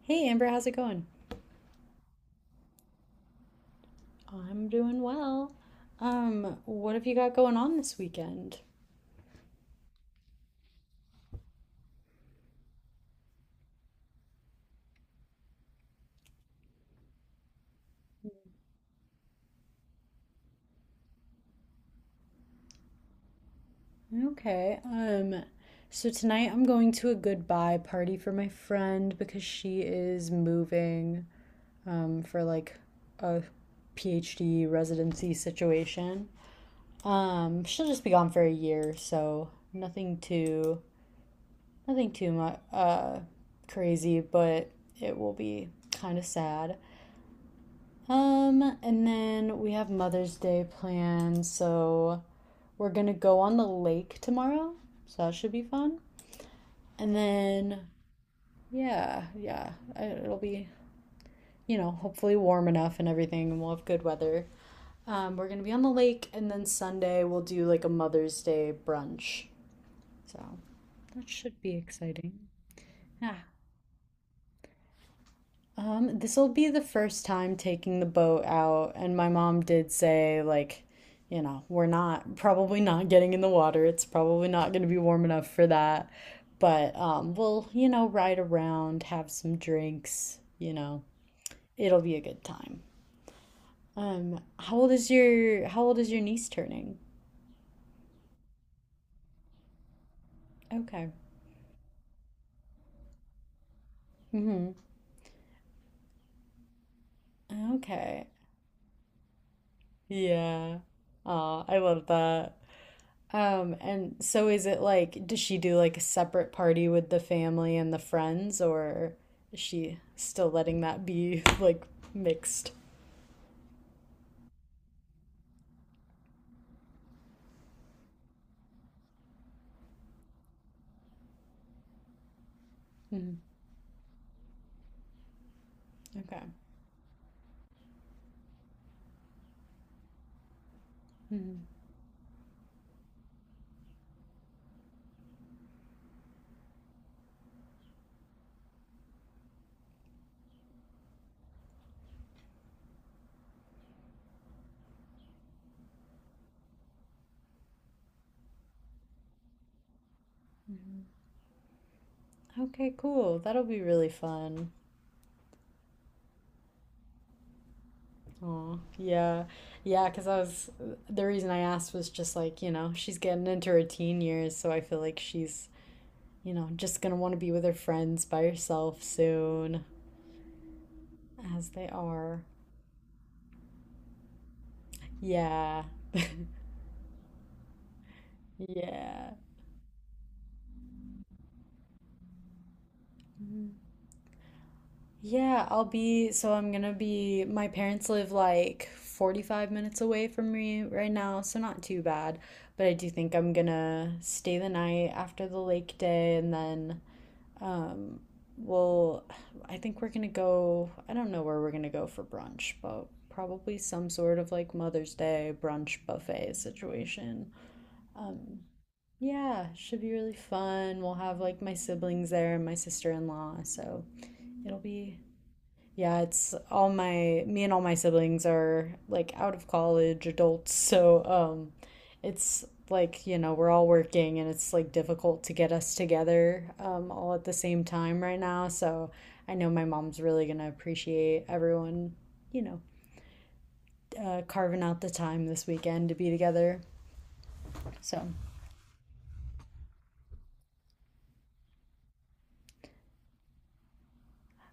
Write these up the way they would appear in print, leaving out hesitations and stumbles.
Hey Amber, how's it going? I'm doing well. What have you got going on this weekend? Okay. So tonight I'm going to a goodbye party for my friend because she is moving for a PhD residency situation. She'll just be gone for a year, so nothing too much crazy, but it will be kind of sad. And then we have Mother's Day planned, so we're gonna go on the lake tomorrow, so that should be fun. And then, yeah, yeah, it'll be, you know, hopefully warm enough and everything, and we'll have good weather. We're gonna be on the lake, and then Sunday we'll do like a Mother's Day brunch, so that should be exciting. Ah, this will be the first time taking the boat out, and my mom did say, like, you know, we're not probably not getting in the water. It's probably not going to be warm enough for that. But we'll, you know, ride around, have some drinks, you know. It'll be a good time. How old is your niece turning? Okay. Mm-hmm. Okay. Yeah. Aw, I love that. And so is it like, does she do like a separate party with the family and the friends, or is she still letting that be like mixed? Mhm. Okay. Mhm. Mhm. Okay, cool. That'll be really fun. Oh, yeah. Yeah, because I was, the reason I asked was just like, you know, she's getting into her teen years, so I feel like she's, you know, just gonna want to be with her friends by herself soon, as they are. Yeah. Yeah. Mhm. So I'm gonna be, my parents live like 45 minutes away from me right now, so not too bad. But I do think I'm gonna stay the night after the lake day and then, um, we'll, I think we're gonna go, I don't know where we're gonna go for brunch, but probably some sort of like Mother's Day brunch buffet situation. Um, yeah, should be really fun. We'll have like my siblings there and my sister-in-law, so it'll be Yeah, it's all my me and all my siblings are like out of college adults, so it's like, you know, we're all working and it's like difficult to get us together all at the same time right now. So I know my mom's really gonna appreciate everyone, you know, carving out the time this weekend to be together. So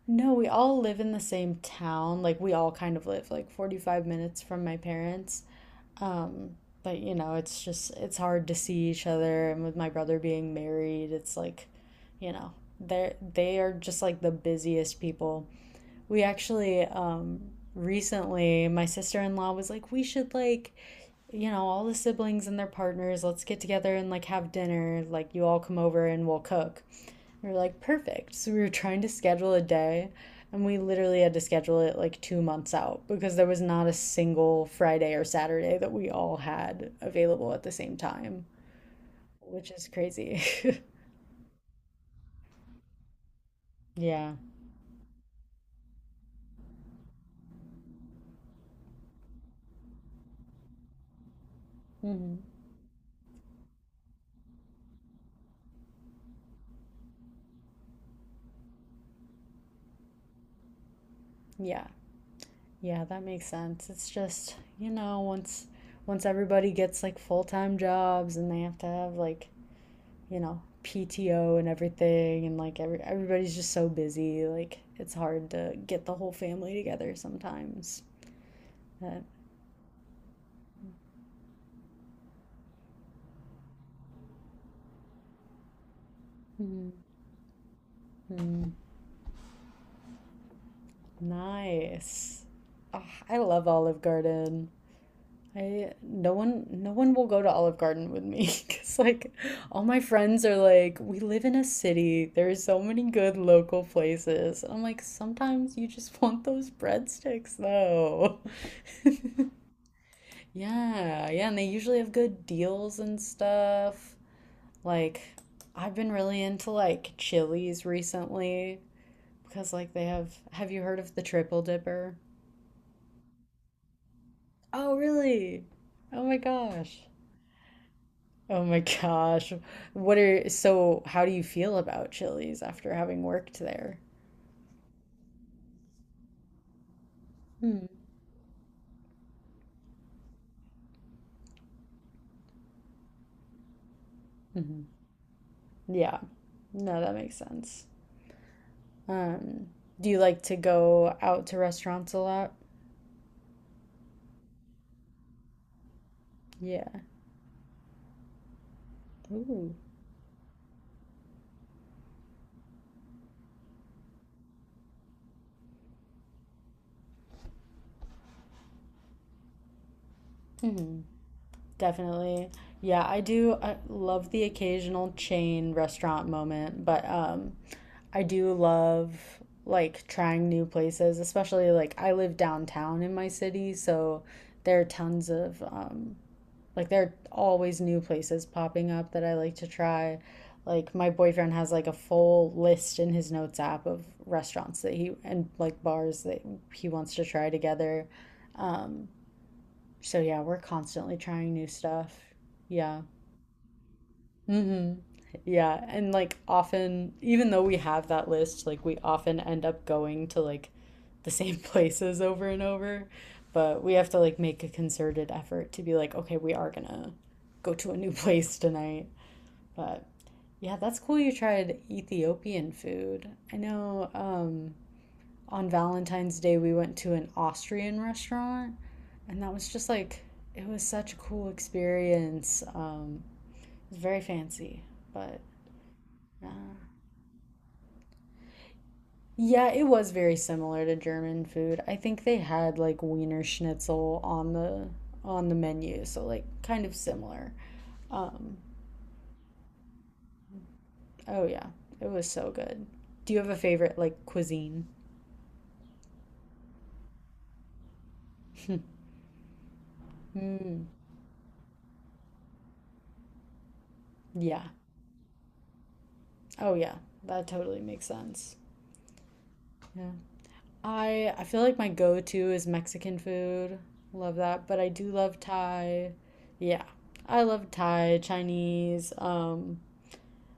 no, we all live in the same town. Like we all kind of live like 45 minutes from my parents. Um, but you know, it's just it's hard to see each other and with my brother being married, it's like, you know, they are just like the busiest people. We actually recently my sister-in-law was like, "We should like you know, all the siblings and their partners, let's get together and like have dinner. Like you all come over and we'll cook." We were like, perfect. So we were trying to schedule a day, and we literally had to schedule it like 2 months out because there was not a single Friday or Saturday that we all had available at the same time, which is crazy. Yeah. Hmm. Yeah. Yeah, that makes sense. It's just, you know, once everybody gets like full-time jobs and they have to have like, you know, PTO and everything and like everybody's just so busy, like it's hard to get the whole family together sometimes. But, mm, mm, nice. Ah, I love Olive Garden. I no one will go to Olive Garden with me because like all my friends are like, we live in a city. There's so many good local places. And I'm like, sometimes you just want those breadsticks though. Yeah, yeah, and they usually have good deals and stuff. Like I've been really into like Chili's recently. Because, like, they have. Have you heard of the Triple Dipper? Oh, really? Oh my gosh. Oh my gosh. What are. So, how do you feel about Chili's after having worked there? Hmm. Hmm. Yeah. No, that makes sense. Um, do you like to go out to restaurants a lot? Yeah. Ooh. Hmm. Definitely. I love the occasional chain restaurant moment, but I do love like trying new places, especially like I live downtown in my city, so there are tons of there are always new places popping up that I like to try. Like my boyfriend has like a full list in his notes app of restaurants that he and like bars that he wants to try together. Um so yeah, we're constantly trying new stuff. Yeah. Mm-hmm. Yeah, and like often, even though we have that list, like we often end up going to like the same places over and over, but we have to like make a concerted effort to be like, okay, we are gonna go to a new place tonight. But yeah, that's cool you tried Ethiopian food. I know on Valentine's Day, we went to an Austrian restaurant, and that was just like, it was such a cool experience. It was very fancy, but uh, yeah, it was very similar to German food. I think they had like Wiener Schnitzel on the menu, so like kind of similar. Um, oh yeah, it was so good. Do you have a favorite like cuisine? Hmm. Yeah. Oh yeah, that totally makes sense. Yeah. I feel like my go-to is Mexican food. Love that, but I do love Thai. Yeah. I love Thai, Chinese.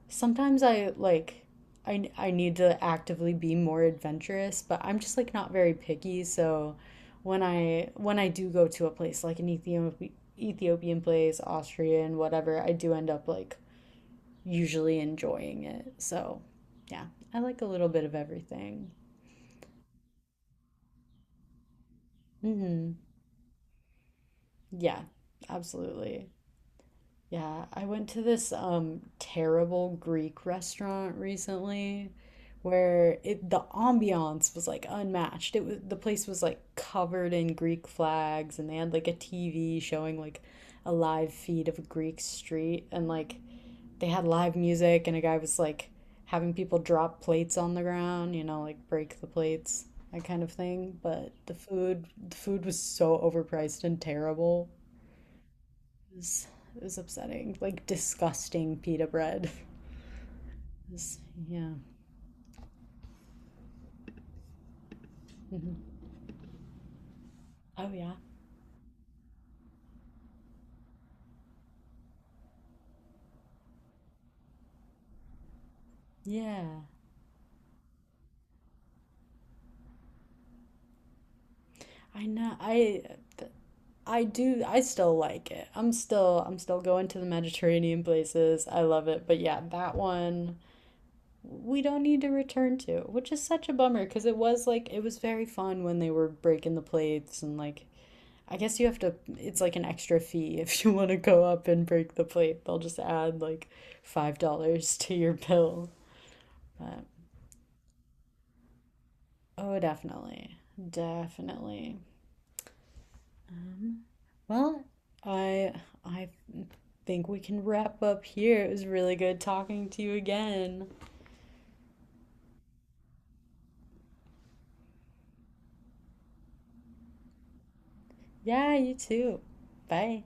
Sometimes I need to actively be more adventurous, but I'm just like not very picky, so when I do go to a place like an Ethiopian place, Austrian, whatever, I do end up like usually enjoying it. So, yeah, I like a little bit of everything. Mhm. Yeah, absolutely. Yeah, I went to this terrible Greek restaurant recently where it the ambiance was like unmatched. It was The place was like covered in Greek flags and they had like a TV showing like a live feed of a Greek street and like they had live music and a guy was like having people drop plates on the ground, you know, like break the plates, that kind of thing. But the food was so overpriced and terrible. It was, it was upsetting. Like disgusting pita bread. It was- yeah. Mhm. Oh yeah. Yeah. I know. I still like it. I'm still going to the Mediterranean places. I love it. But yeah, that one we don't need to return to, which is such a bummer because it was very fun when they were breaking the plates and like I guess you have to it's like an extra fee if you want to go up and break the plate. They'll just add like $5 to your bill But oh, definitely, definitely. Um, well, I I think we can wrap up here. It was really good talking to you again. Yeah, you too. Bye.